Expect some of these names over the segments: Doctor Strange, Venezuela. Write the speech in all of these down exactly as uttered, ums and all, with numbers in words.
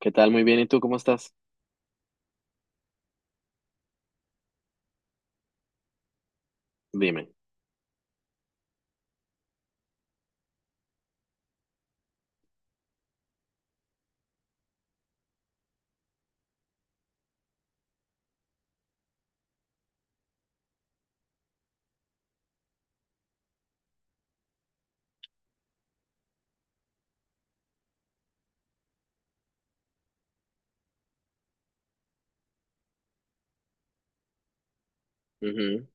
¿Qué tal? Muy bien. ¿Y tú cómo estás? Dime. Ujú.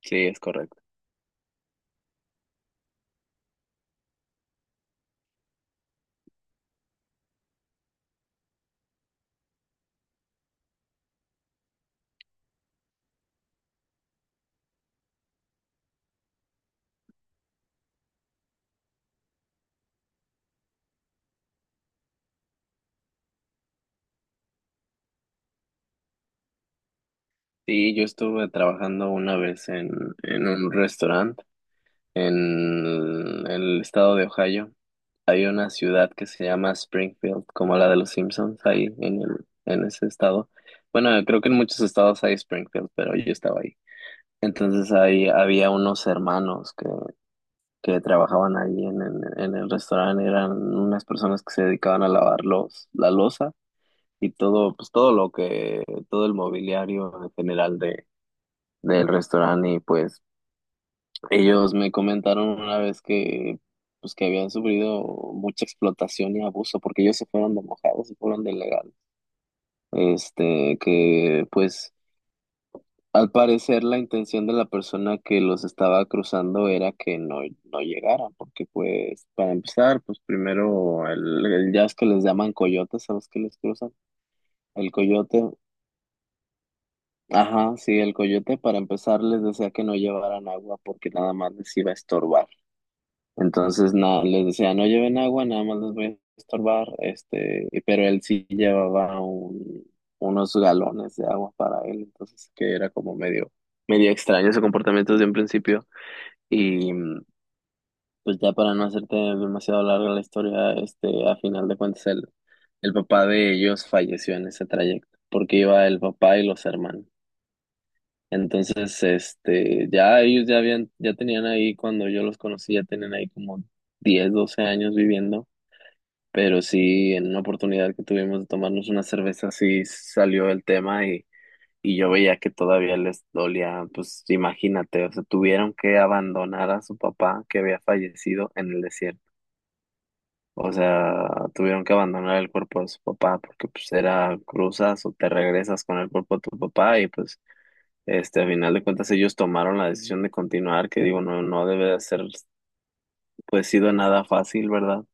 Sí, es correcto. Sí, yo estuve trabajando una vez en, en un restaurante en el estado de Ohio. Hay una ciudad que se llama Springfield, como la de los Simpsons, ahí en el, en ese estado. Bueno, creo que en muchos estados hay Springfield, pero yo estaba ahí. Entonces ahí había unos hermanos que, que trabajaban ahí en, en en el restaurante. Eran unas personas que se dedicaban a lavar los, la loza y todo, pues todo lo que, todo el mobiliario en general de, del restaurante y pues ellos me comentaron una vez que pues que habían sufrido mucha explotación y abuso porque ellos se fueron de mojados, se fueron de legal. Este, que pues al parecer la intención de la persona que los estaba cruzando era que no, no llegaran porque pues para empezar, pues primero el, el ya es que les llaman coyotes a los que les cruzan. El coyote. Ajá, sí, el coyote para empezar les decía que no llevaran agua porque nada más les iba a estorbar. Entonces no, les decía no lleven agua, nada más les voy a estorbar, este, y- pero él sí llevaba un- unos galones de agua para él, entonces que era como medio, medio extraño su comportamiento desde un principio. Y mm, pues ya para no hacerte demasiado larga la historia, este, a final de cuentas el, el papá de ellos falleció en ese trayecto, porque iba el papá y los hermanos. Entonces, este, ya ellos ya habían, ya tenían ahí, cuando yo los conocí, ya tenían ahí como diez doce años viviendo, pero sí, en una oportunidad que tuvimos de tomarnos una cerveza, sí salió el tema y, y yo veía que todavía les dolía, pues imagínate, o sea, tuvieron que abandonar a su papá que había fallecido en el desierto. O sea, tuvieron que abandonar el cuerpo de su papá porque pues era cruzas o te regresas con el cuerpo de tu papá y pues este, a final de cuentas, ellos tomaron la decisión de continuar, que digo, no, no debe de ser, pues, sido nada fácil, ¿verdad?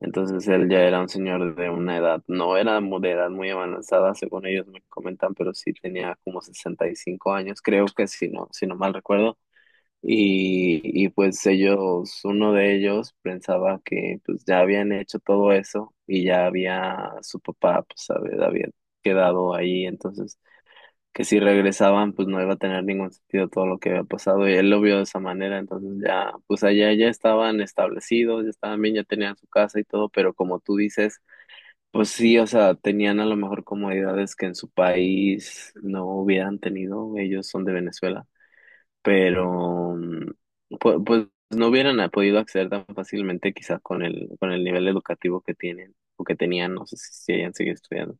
Entonces él ya era un señor de una edad, no era mu- de edad muy avanzada, según ellos me comentan, pero sí tenía como sesenta y cinco años, creo que si no, si no mal recuerdo. Y, y pues ellos, uno de ellos pensaba que pues ya habían hecho todo eso y ya había su papá, pues, sabe había quedado ahí, entonces que si regresaban, pues no iba a tener ningún sentido todo lo que había pasado y él lo vio de esa manera, entonces ya, pues allá ya estaban establecidos, ya estaban bien, ya tenían su casa y todo, pero como tú dices, pues sí, o sea, tenían a lo mejor comodidades que en su país no hubieran tenido, ellos son de Venezuela, pero mm, pues, pues no hubieran podido acceder tan fácilmente quizás con el, con el nivel educativo que tienen o que tenían, no sé si, si hayan seguido estudiando.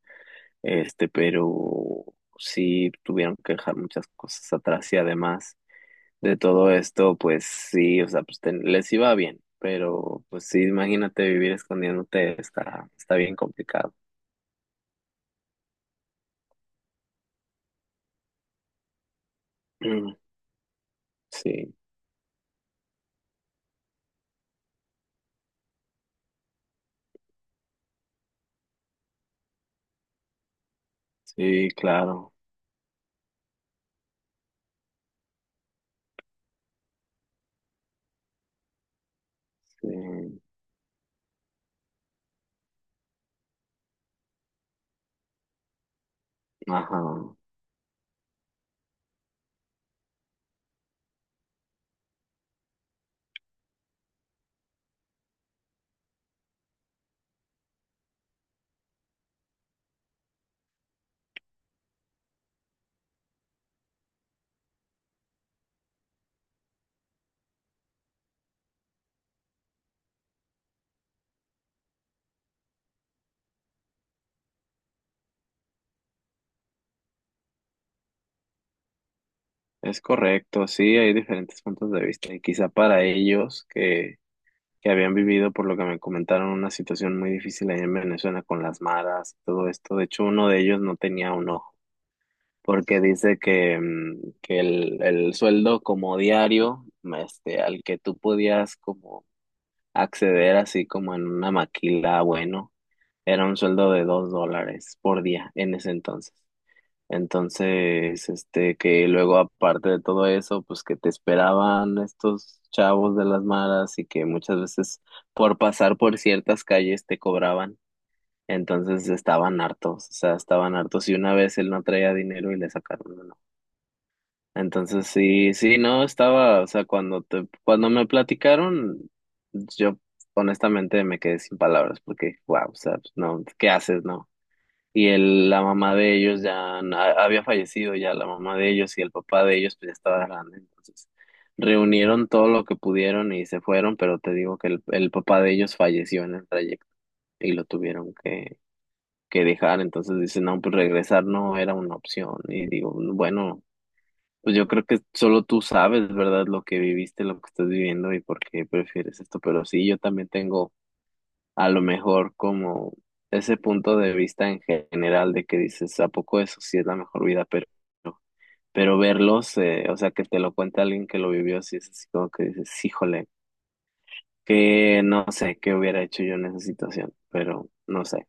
Este, pero sí tuvieron que dejar muchas cosas atrás y además de todo esto, pues sí, o sea, pues ten- les iba bien, pero pues sí, imagínate vivir escondiéndote, está, está bien complicado. Mm. Sí, sí, claro. Sí, ajá. Es correcto, sí, hay diferentes puntos de vista y quizá para ellos que, que habían vivido, por lo que me comentaron, una situación muy difícil allá en Venezuela con las maras, todo esto, de hecho uno de ellos no tenía un ojo porque dice que, mm, que el, el sueldo como diario, este, al que tú podías como acceder así como en una maquila, bueno, era un sueldo de dos dólares por día en ese entonces. Entonces, este, que luego aparte de todo eso, pues que te esperaban estos chavos de las maras y que muchas veces por pasar por ciertas calles te cobraban. Entonces estaban hartos, o sea, estaban hartos y una vez él no traía dinero y le sacaron entonces sí, sí, no estaba, o sea, cuando te, cuando me platicaron, yo honestamente me quedé sin palabras porque, wow, o sea, pues, no, ¿qué haces, no? Y el, la mamá de ellos ya na- había fallecido ya, la mamá de ellos y el papá de ellos pues ya estaba grande, entonces reunieron todo lo que pudieron y se fueron, pero te digo que el, el papá de ellos falleció en el trayecto y lo tuvieron que, que dejar. Entonces dicen no, pues regresar no era una opción. Y digo, bueno, pues yo creo que solo tú sabes, ¿verdad? Lo que viviste, lo que estás viviendo y por qué prefieres esto. Pero sí, yo también tengo a lo mejor como ese punto de vista en general de que dices, ¿a poco eso sí es la mejor vida? Pero, pero verlos, eh, o sea, que te lo cuente alguien que lo vivió, sí es así como que dices, híjole, que no sé qué hubiera hecho yo en esa situación, pero no sé.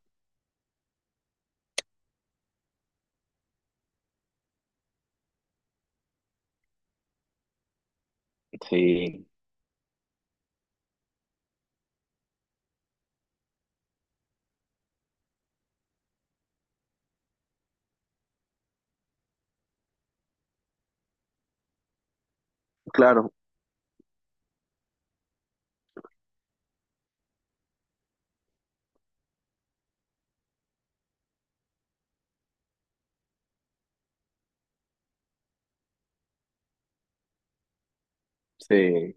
Sí, claro, sí,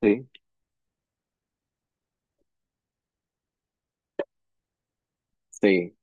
sí, sí,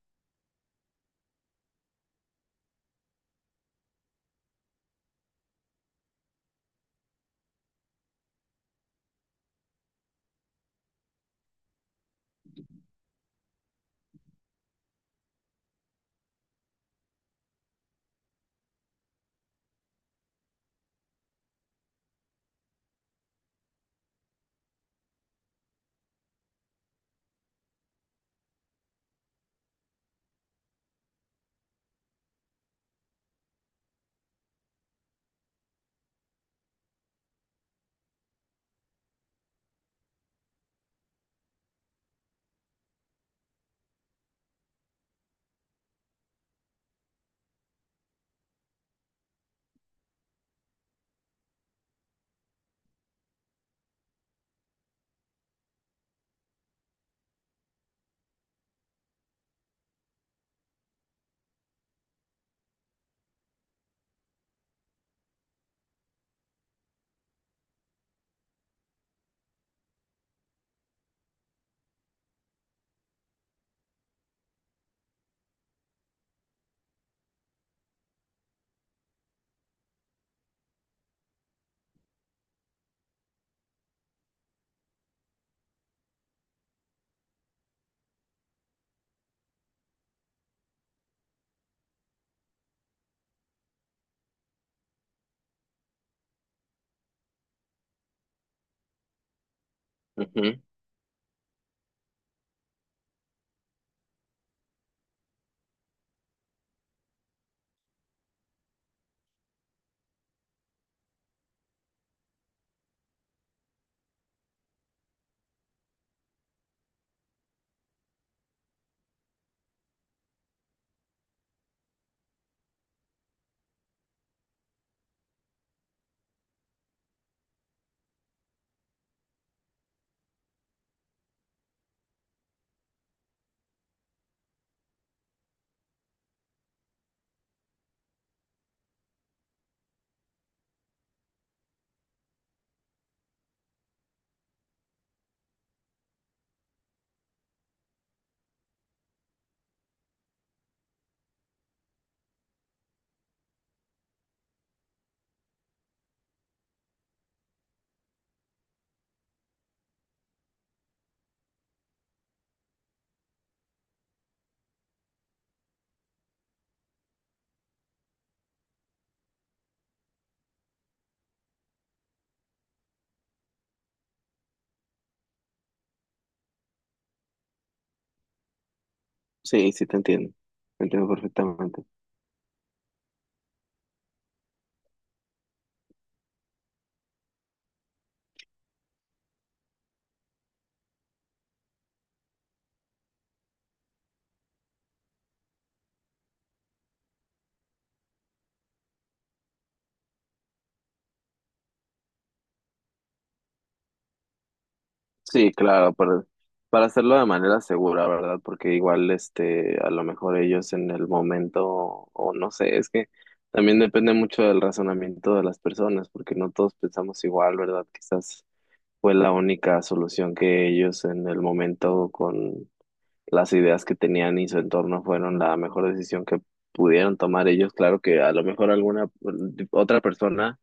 ujú. Sí, sí te entiendo, te entiendo perfectamente. Sí, claro, para, para hacerlo de manera segura, ¿verdad? Porque igual, este, a lo mejor ellos en el momento, o no sé, es que también depende mucho del razonamiento de las personas, porque no todos pensamos igual, ¿verdad? Quizás fue la única solución que ellos en el momento con las ideas que tenían y su entorno fueron la mejor decisión que pudieron tomar ellos. Claro que a lo mejor alguna otra persona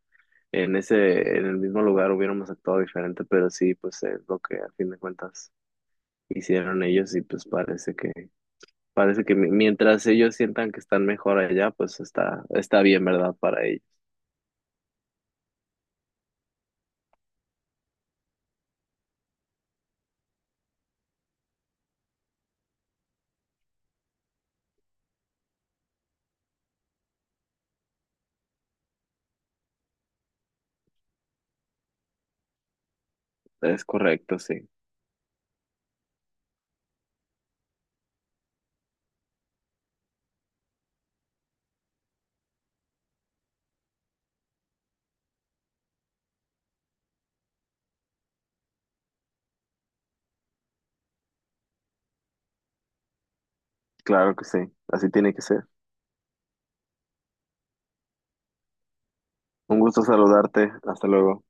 en ese, en el mismo lugar hubiéramos actuado diferente, pero sí, pues es lo que a fin de cuentas hicieron ellos y pues parece que, parece que mi- mientras ellos sientan que están mejor allá, pues está, está bien, ¿verdad? Para ellos. Es correcto, sí. Claro que sí. Así tiene que ser. Un gusto saludarte. Hasta luego.